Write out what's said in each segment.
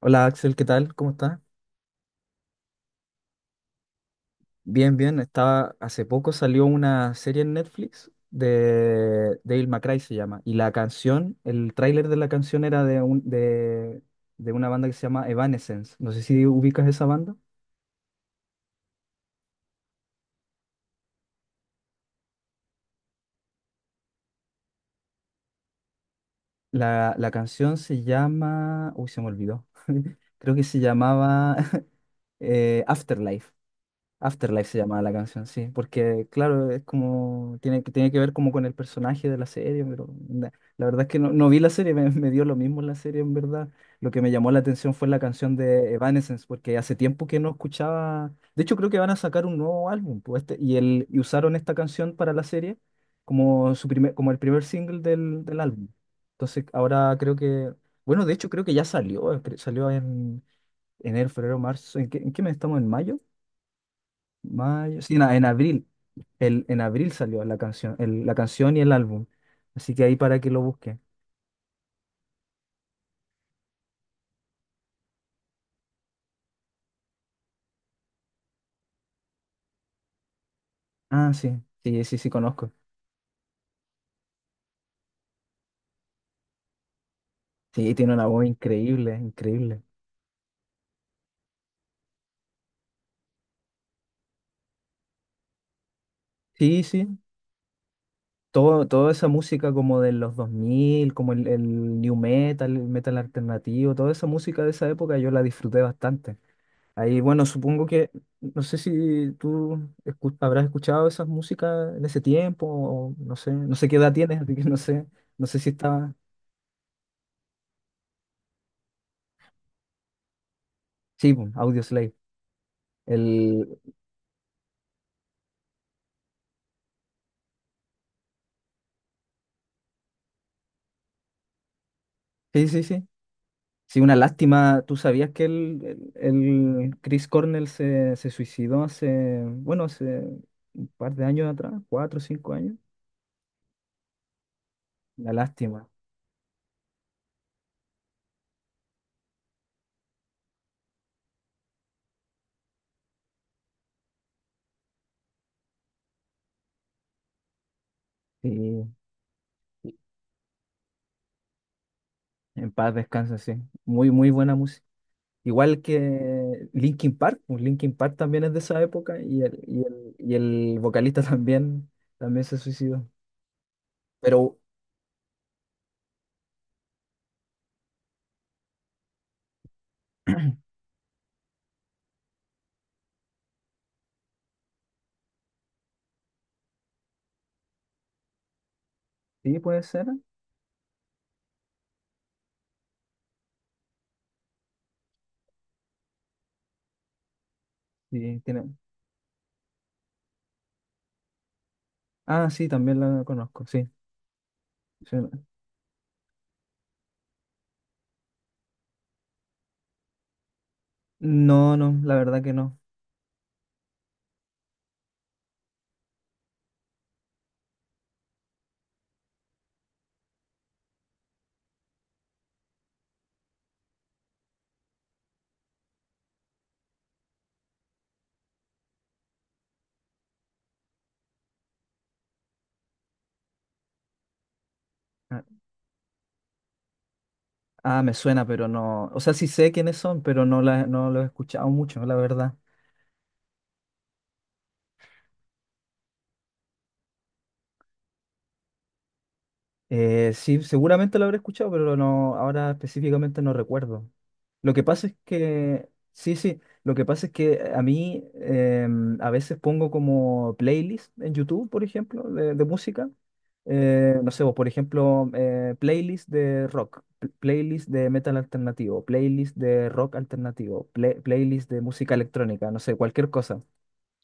Hola Axel, ¿qué tal? ¿Cómo estás? Bien, bien. Hace poco salió una serie en Netflix de Dale McRae se llama. Y la canción, el tráiler de la canción era de una banda que se llama Evanescence. No sé si ubicas esa banda. La canción se llama... Uy, se me olvidó. Creo que se llamaba Afterlife. Afterlife se llamaba la canción, sí, porque claro, es como, tiene que ver como con el personaje de la serie, la verdad es que no vi la serie. Me dio lo mismo la serie en verdad. Lo que me llamó la atención fue la canción de Evanescence, porque hace tiempo que no escuchaba. De hecho, creo que van a sacar un nuevo álbum, pues, y usaron esta canción para la serie como, como el primer single del álbum. Entonces ahora bueno, de hecho creo que ya salió, salió en enero, febrero, marzo. En qué mes estamos? ¿En mayo? Mayo, sí, en abril. En abril salió la canción, la canción y el álbum. Así que ahí para que lo busquen. Ah, sí, sí, sí, sí, conozco. Sí, tiene una voz increíble, increíble. Sí, sí. Toda esa música como de los 2000, como el new metal, el metal alternativo, toda esa música de esa época yo la disfruté bastante. Ahí, bueno, supongo que no sé si tú habrás escuchado esas músicas en ese tiempo. O no sé, qué edad tienes, así que no sé, no sé si estaba. Sí, po, Audioslave. El... Sí, sí, sí. Sí, una lástima. ¿Tú sabías que el Chris Cornell se suicidó bueno, hace un par de años atrás, 4 o 5 años? Una lástima. Sí, en paz descansa, sí. Muy, muy buena música. Igual que Linkin Park, pues Linkin Park también es de esa época, y el vocalista también se suicidó. Pero sí, puede ser. ¿Eh? Sí, Ah, sí, también la conozco, sí. Sí. No, no, la verdad que no. Ah, ah, me suena, pero no. O sea, sí sé quiénes son, pero no, no los he escuchado mucho, la verdad. Sí, seguramente lo habré escuchado, pero no, ahora específicamente no recuerdo. Lo que pasa es que, sí, sí, lo que pasa es que a mí, a veces pongo como playlist en YouTube, por ejemplo, de música. No sé, o por ejemplo, playlist de rock, playlist de metal alternativo, playlist de rock alternativo, playlist de música electrónica, no sé, cualquier cosa,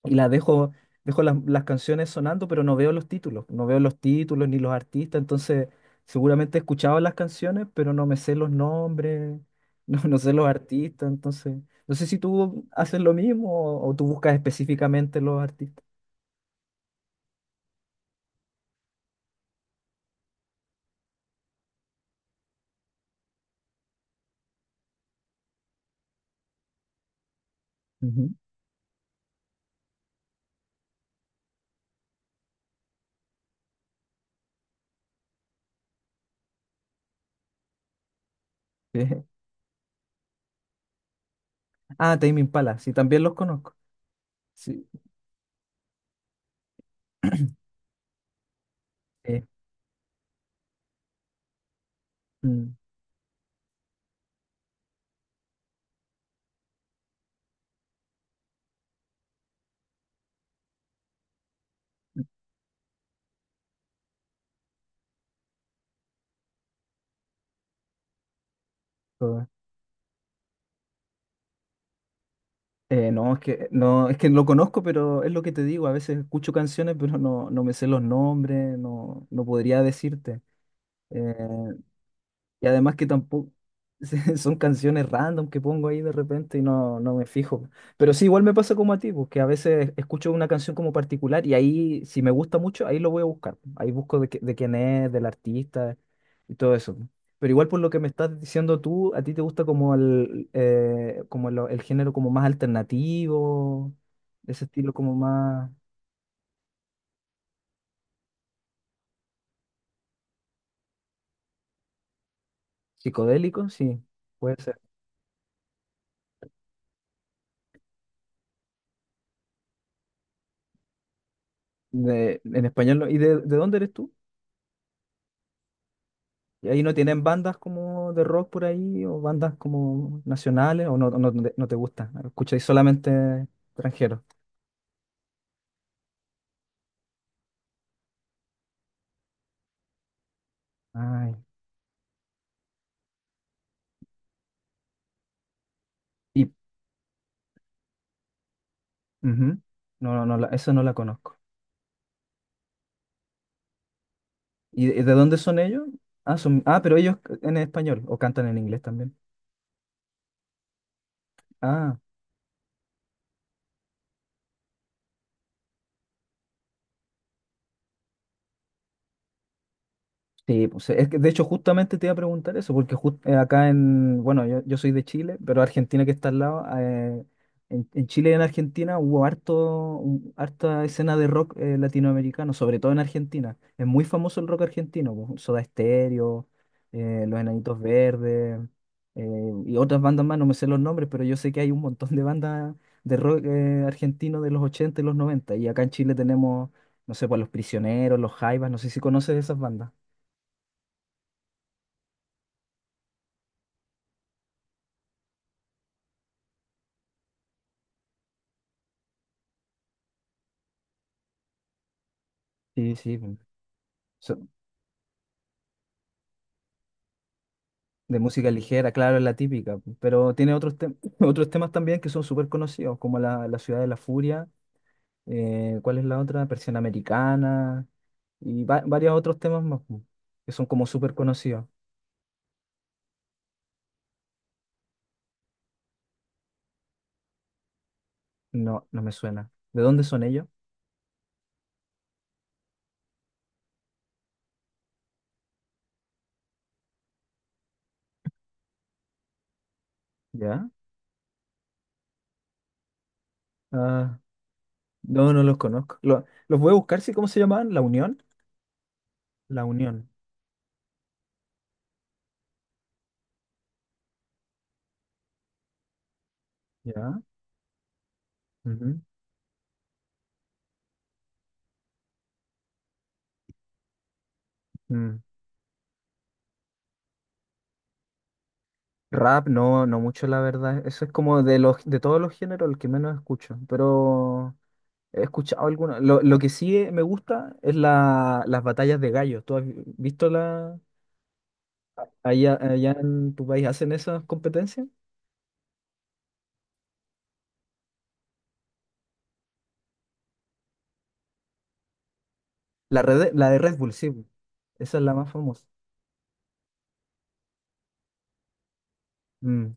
y las dejo, dejo las canciones sonando, pero no veo los títulos, no veo los títulos ni los artistas. Entonces seguramente he escuchado las canciones, pero no me sé los nombres. No, no sé los artistas, entonces no sé si tú haces lo mismo, o tú buscas específicamente los artistas. Ujú. Sí. Ah, Tame Impala, sí, también los conozco. Sí. eh, mm, todo. No es que no lo conozco, pero es lo que te digo, a veces escucho canciones, pero no, no me sé los nombres, no, no podría decirte. Eh, y además que tampoco son canciones random que pongo ahí de repente, y no, no me fijo. Pero sí, igual me pasa como a ti, porque a veces escucho una canción como particular y ahí, si me gusta mucho, ahí lo voy a buscar. Ahí busco de quién es, del artista y todo eso. Pero igual, por lo que me estás diciendo tú, a ti te gusta como el, como lo- el género como más alternativo, ese estilo como más psicodélico, sí, puede ser. En español, ¿y de dónde eres tú? ¿Y ahí no tienen bandas como de rock por ahí, o bandas como nacionales, o no, no, no te gusta? ¿Escucháis solamente extranjeros? Ay, y... ujú. No, no, no, eso no la conozco. ¿Y de dónde son ellos? Ah, pero ellos en español, o cantan en inglés también. Ah. Sí, pues es que de hecho justamente te iba a preguntar eso, porque acá en, bueno, yo soy de Chile, pero Argentina que está al lado, en Chile y en Argentina hubo harta escena de rock latinoamericano, sobre todo en Argentina. Es muy famoso el rock argentino, pues, Soda Stereo, Los Enanitos Verdes, y otras bandas más, no me sé los nombres, pero yo sé que hay un montón de bandas de rock argentino de los 80 y los 90, y acá en Chile tenemos, no sé, pues Los Prisioneros, Los Jaivas, no sé si conoces esas bandas. Sí, sí, pu. So- de música ligera, claro, es la típica, pu, pero tiene otros temas también que son súper conocidos, como la Ciudad de la Furia, ¿cuál es la otra? Persiana Americana, y varios otros temas más, pu, que son como súper conocidos. No, no me suena. ¿De dónde son ellos? ¿Ya? Ah, no, no los conozco. Los voy a buscar, ¿sí? ¿Cómo se llamaban? ¿La Unión? La Unión, ¿ya? Ujú. Mm. Rap, no, no mucho, la verdad. Eso es como de todos los géneros el que menos escucho, pero... He escuchado alguna. Lo que sí me gusta es las batallas de gallos. ¿Tú has visto allá en tu país hacen esas competencias? La de Red Bull, sí, po. Esa es la más famosa. Mm.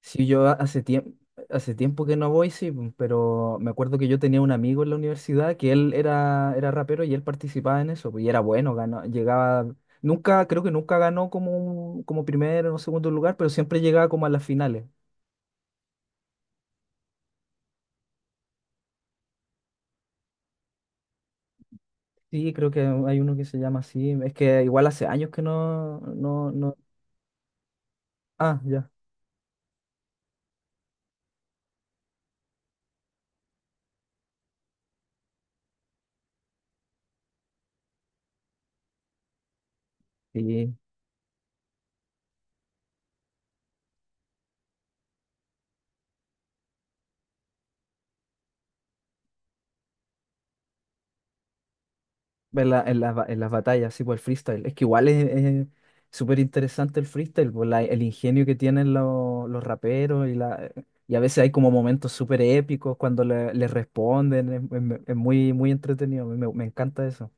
Sí, hace tiempo que no voy, sí, po, pero me acuerdo que yo tenía un amigo en la universidad que él era rapero, y él participaba en eso, po, y era bueno, ganó, llegaba, nunca, creo que nunca ganó como, como primero o segundo lugar, pero siempre llegaba como a las finales. Sí, creo que hay uno que se llama así. Es que igual hace años que no, no, no. Ah, ya. Sí. En la- en las ba- en las batallas, sí, por el freestyle. Es que igual es súper interesante el freestyle, por el ingenio que tienen los raperos, y la y a veces hay como momentos súper épicos cuando le responden. Es muy, muy entretenido. Me encanta eso.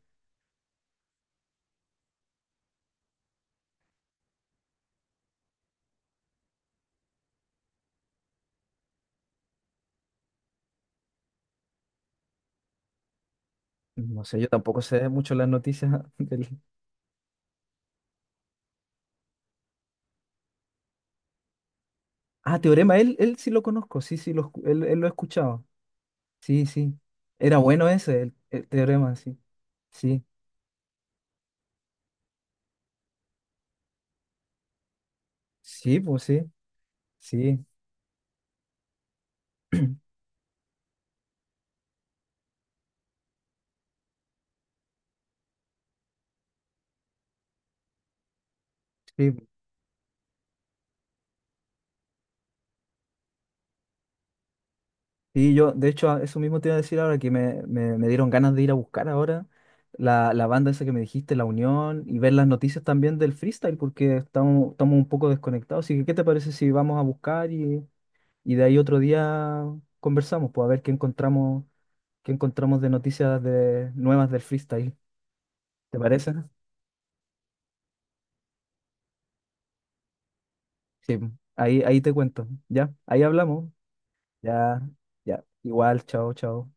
No sé, yo tampoco sé mucho las noticias del. Ah, Teorema, él sí lo conozco, sí, sí, él lo he escuchado. Sí, sí. Era bueno el teorema, sí. Sí, sí, pues sí, sí, sí. Sí, yo, de hecho, eso mismo te iba a decir, ahora que me dieron ganas de ir a buscar ahora la banda esa que me dijiste, La Unión, y ver las noticias también del freestyle, porque estamos un poco desconectados. Así que, ¿qué te parece si vamos a buscar, y de ahí otro día conversamos, pues, a ver qué encontramos, de noticias nuevas del freestyle? ¿Te parece? Sí, ahí te cuento, ¿ya? Ahí hablamos. Ya, ya. Igual, chao, chao.